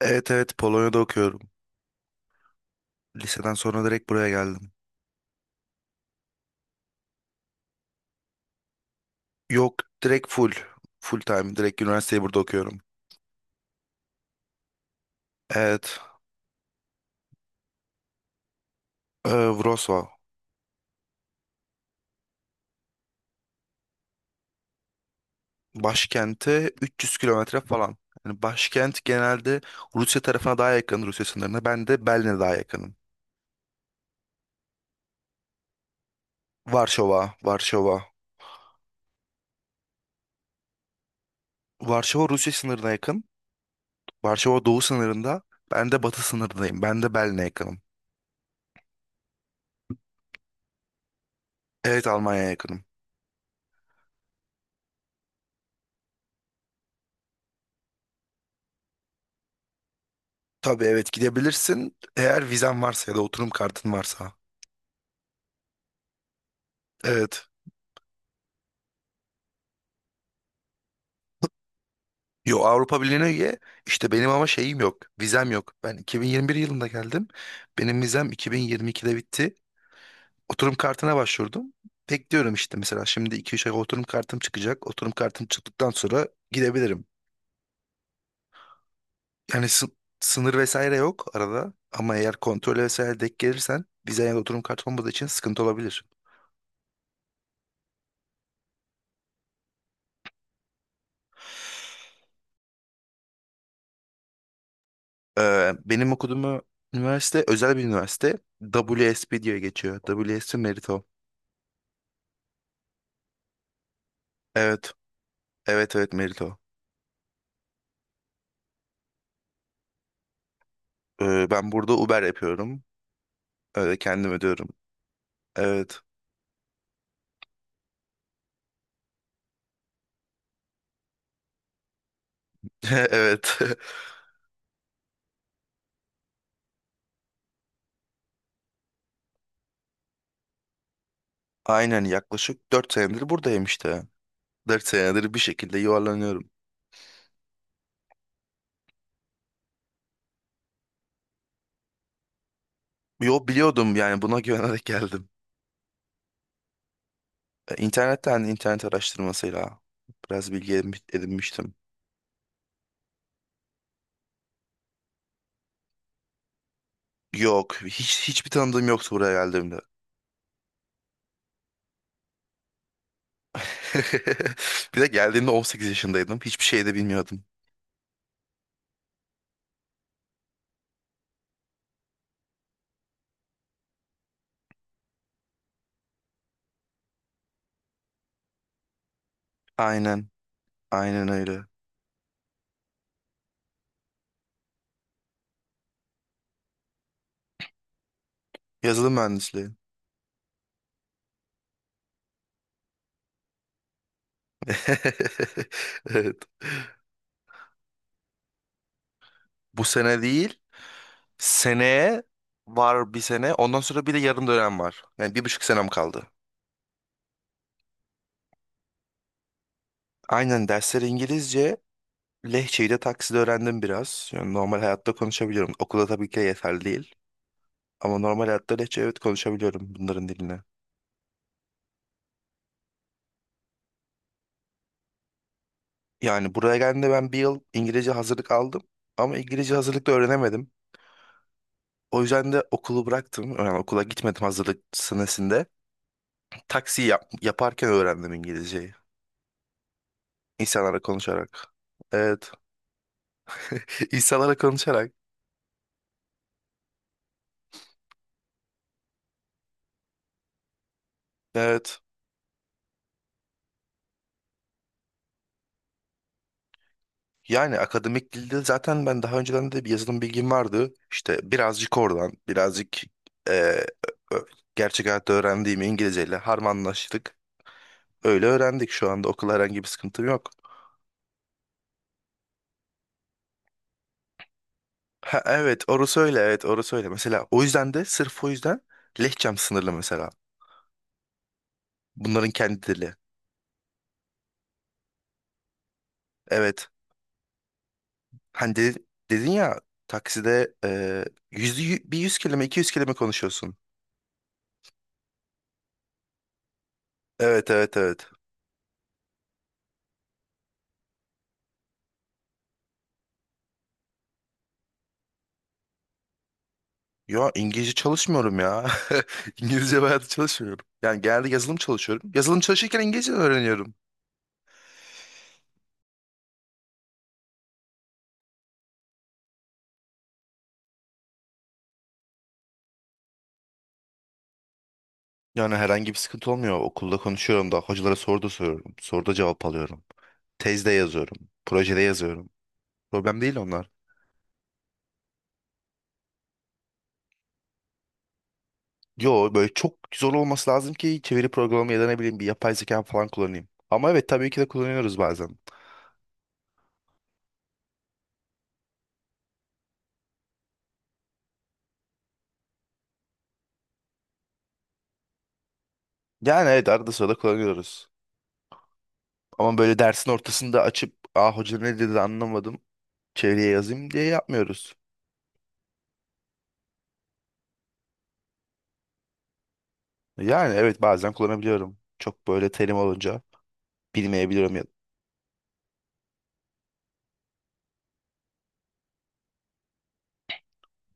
Evet evet Polonya'da okuyorum. Liseden sonra direkt buraya geldim. Yok, direkt full. Full time. Direkt üniversiteyi burada okuyorum. Evet. E, Wrocław. Başkente 300 kilometre falan. Yani başkent genelde Rusya tarafına daha yakın, Rusya sınırına. Ben de Berlin'e daha yakınım. Varşova. Varşova. Varşova Rusya sınırına yakın. Varşova doğu sınırında. Ben de batı sınırındayım. Ben de Berlin'e yakınım. Evet, Almanya'ya yakınım. Tabii, evet, gidebilirsin. Eğer vizen varsa ya da oturum kartın varsa. Evet. Yo, Avrupa Birliği'ne üye. İşte benim ama şeyim yok. Vizem yok. Ben 2021 yılında geldim. Benim vizem 2022'de bitti. Oturum kartına başvurdum. Bekliyorum işte, mesela şimdi 2-3 ay oturum kartım çıkacak. Oturum kartım çıktıktan sonra gidebilirim. Yani sınır vesaire yok arada. Ama eğer kontrol vesaire denk gelirsen vize ya da oturum kartı olmadığı için sıkıntı olabilir. Benim okuduğum üniversite özel bir üniversite. WSP diye geçiyor. WSP Merito. Evet. Evet evet Merito. Ben burada Uber yapıyorum. Öyle kendim ödüyorum. Evet. Evet. Aynen, yaklaşık 4 senedir buradayım işte. 4 senedir bir şekilde yuvarlanıyorum. Yo, biliyordum yani, buna güvenerek geldim. İnternetten, internet araştırmasıyla biraz bilgi edinmiştim. Yok, hiçbir tanıdığım yoktu buraya geldiğimde. Bir de geldiğimde 18 yaşındaydım. Hiçbir şey de bilmiyordum. Aynen. Aynen öyle. Yazılım mühendisliği. Evet. Bu sene değil. Seneye var bir sene. Ondan sonra bir de yarım dönem var. Yani 1,5 senem kaldı. Aynen, dersler İngilizce. Lehçeyi de takside öğrendim biraz. Yani normal hayatta konuşabiliyorum. Okulda tabii ki de yeterli değil. Ama normal hayatta Lehçe, evet, konuşabiliyorum bunların diline. Yani buraya geldiğimde ben bir yıl İngilizce hazırlık aldım. Ama İngilizce hazırlıkta öğrenemedim. O yüzden de okulu bıraktım. Yani okula gitmedim hazırlık senesinde. Taksi yaparken öğrendim İngilizceyi. İnsanlarla konuşarak. Evet. İnsanlarla konuşarak. Evet. Yani akademik dilde zaten ben daha önceden de bir yazılım bilgim vardı. İşte birazcık oradan, birazcık e, ö- ö- gerçek hayatta öğrendiğim İngilizceyle harmanlaştık. Öyle öğrendik, şu anda okula herhangi bir sıkıntım yok. Ha, evet orası öyle, evet orası öyle. Mesela o yüzden de, sırf o yüzden lehçem sınırlı mesela. Bunların kendi dili. Evet. Hani dedin ya takside, 100 kelime 200 kelime konuşuyorsun. Evet evet evet. Ya İngilizce çalışmıyorum ya. İngilizce bayağı çalışmıyorum. Yani genelde yazılım çalışıyorum. Yazılım çalışırken İngilizce öğreniyorum. Yani herhangi bir sıkıntı olmuyor. Okulda konuşuyorum da hocalara soru da soruyorum. Soruda cevap alıyorum. Tezde yazıyorum. Projede yazıyorum. Problem değil onlar. Yo, böyle çok zor olması lazım ki çeviri programı ya da ne bileyim bir yapay zeka falan kullanayım. Ama evet tabii ki de kullanıyoruz bazen. Yani, evet, arada sırada kullanıyoruz. Ama böyle dersin ortasında açıp, aa hoca ne dedi anlamadım, çeviriye yazayım diye yapmıyoruz. Yani evet, bazen kullanabiliyorum. Çok böyle terim olunca bilmeyebiliyorum ya.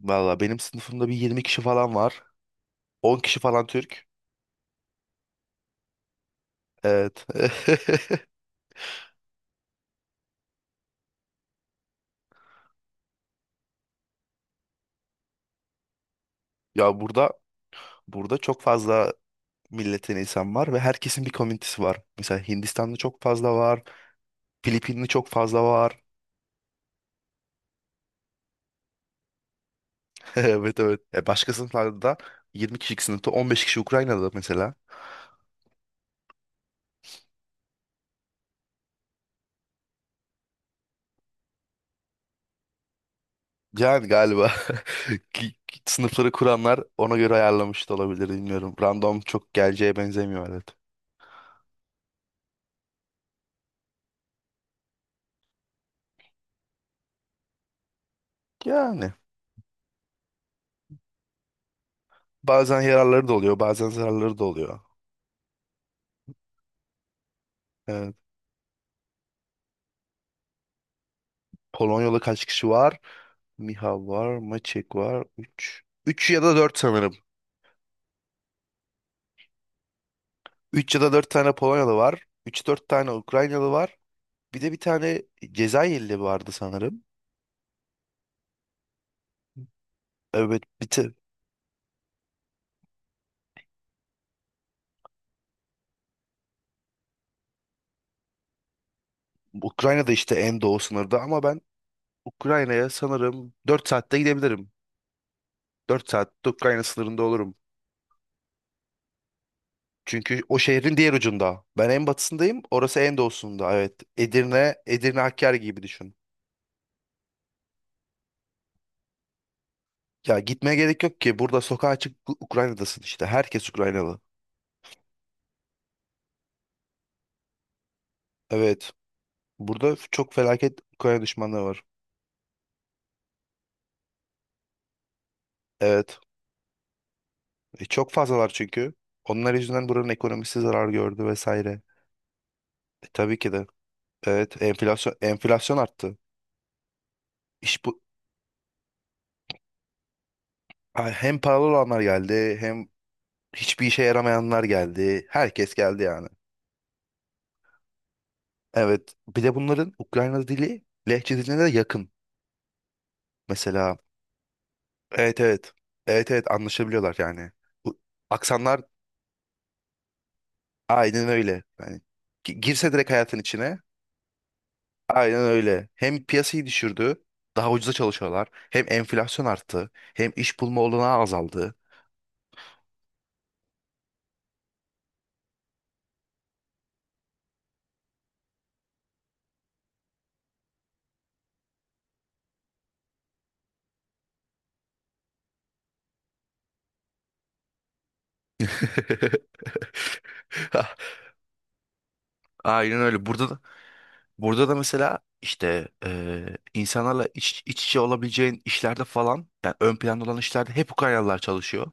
Valla benim sınıfımda bir 20 kişi falan var. 10 kişi falan Türk. Evet. Ya, burada çok fazla milletten insan var ve herkesin bir komünitesi var. Mesela Hindistanlı çok fazla var. Filipinli çok fazla var. Evet evet. E, başka sınıflarda da 20 kişilik sınıfta 15 kişi Ukrayna'da mesela. Yani galiba ki sınıfları kuranlar ona göre ayarlamış da olabilir, bilmiyorum. Random çok geleceğe benzemiyor, evet. Yani bazen yararları da oluyor, bazen zararları da oluyor. Evet. Polonyalı kaç kişi var? Miha var, Maçek var. Üç, 3 ya da 4 sanırım. Üç ya da 4 tane Polonyalı var. Üç dört tane Ukraynalı var. Bir de bir tane Cezayirli vardı sanırım. Evet. Ukrayna'da işte, en doğu sınırda, ama ben Ukrayna'ya sanırım 4 saatte gidebilirim. 4 saatte Ukrayna sınırında olurum. Çünkü o şehrin diğer ucunda. Ben en batısındayım, orası en doğusunda. Evet. Edirne, Hakkari gibi düşün. Ya gitmeye gerek yok ki. Burada sokağa çık, Ukrayna'dasın işte. Herkes Ukraynalı. Evet. Burada çok felaket Ukrayna düşmanlığı var. Evet. E, çok fazlalar çünkü. Onlar yüzünden buranın ekonomisi zarar gördü vesaire. E, tabii ki de. Evet. Enflasyon, enflasyon arttı. İş bu. Ha, hem paralı olanlar geldi, hem hiçbir işe yaramayanlar geldi. Herkes geldi yani. Evet. Bir de bunların Ukrayna dili Lehçe diline de yakın. Mesela. Evet evet. Evet evet, anlaşabiliyorlar yani. Bu aksanlar. Aynen öyle. Yani girse direkt hayatın içine. Aynen öyle. Hem piyasayı düşürdü. Daha ucuza çalışıyorlar. Hem enflasyon arttı. Hem iş bulma olanağı azaldı. Aynen öyle. Burada da, mesela işte, insanlarla iç içe olabileceğin işlerde falan, yani ön planda olan işlerde hep Ukraynalılar çalışıyor.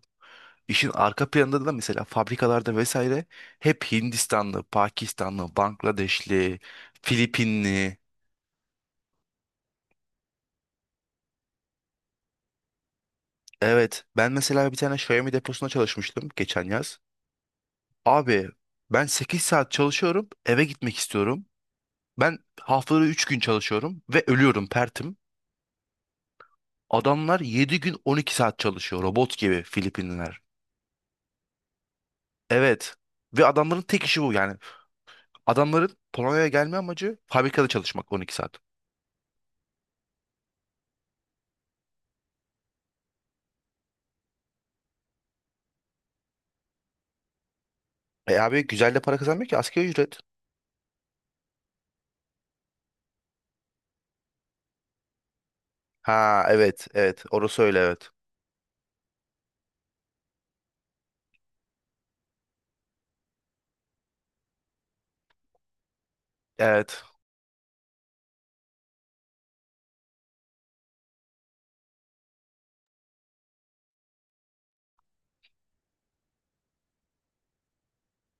İşin arka planında da, mesela fabrikalarda vesaire, hep Hindistanlı, Pakistanlı, Bangladeşli, Filipinli. Evet. Ben mesela bir tane Xiaomi deposunda çalışmıştım geçen yaz. Abi, ben 8 saat çalışıyorum, eve gitmek istiyorum. Ben haftada 3 gün çalışıyorum ve ölüyorum, pertim. Adamlar 7 gün 12 saat çalışıyor robot gibi, Filipinliler. Evet. Ve adamların tek işi bu yani. Adamların Polonya'ya gelme amacı fabrikada çalışmak, 12 saat. E abi, güzel de para kazanmıyor ki, asgari ücret. Ha, evet evet, orası öyle, evet. Evet.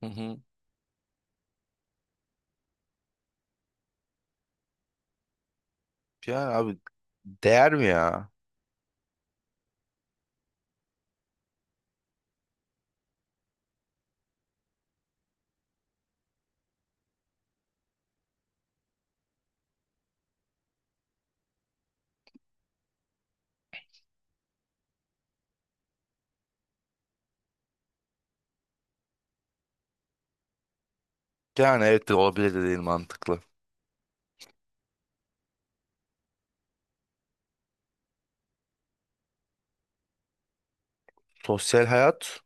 Hı hı. Ya abi, değer mi ya? Yani, evet de olabilir, dediğin mantıklı. Sosyal hayat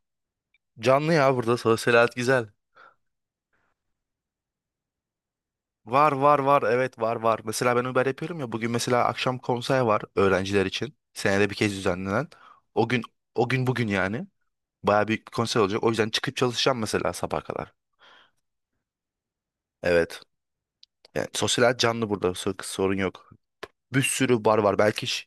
canlı ya, burada sosyal hayat güzel. Var var var, evet, var var. Mesela ben Uber yapıyorum ya, bugün mesela akşam konser var öğrenciler için. Senede bir kez düzenlenen. O gün o gün bugün yani. Baya büyük bir konser olacak. O yüzden çıkıp çalışacağım, mesela sabah kadar. Evet. Yani sosyal hayat canlı burada, sorun yok. Bir sürü bar var belki.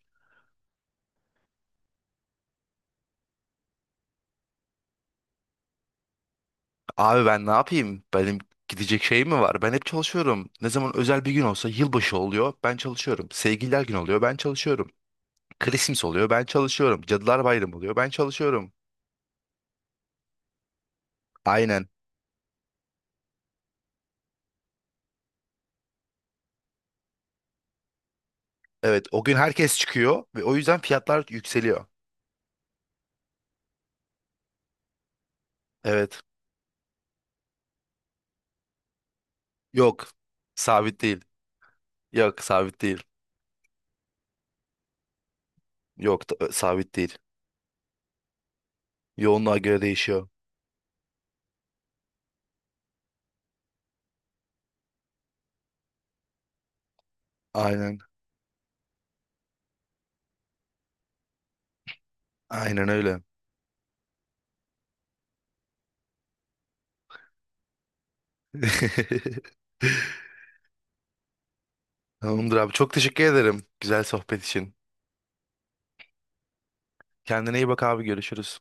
Abi ben ne yapayım? Benim gidecek şeyim mi var? Ben hep çalışıyorum. Ne zaman özel bir gün olsa yılbaşı oluyor, ben çalışıyorum. Sevgililer günü oluyor, ben çalışıyorum. Christmas oluyor. Ben çalışıyorum. Cadılar Bayramı oluyor. Ben çalışıyorum. Aynen. Evet. O gün herkes çıkıyor ve o yüzden fiyatlar yükseliyor. Evet. Yok. Sabit değil. Yok, sabit değil. Yok, sabit değil. Yoğunluğa göre değişiyor. Aynen. Aynen öyle. Tamamdır abi. Çok teşekkür ederim güzel sohbet için. Kendine iyi bak abi. Görüşürüz.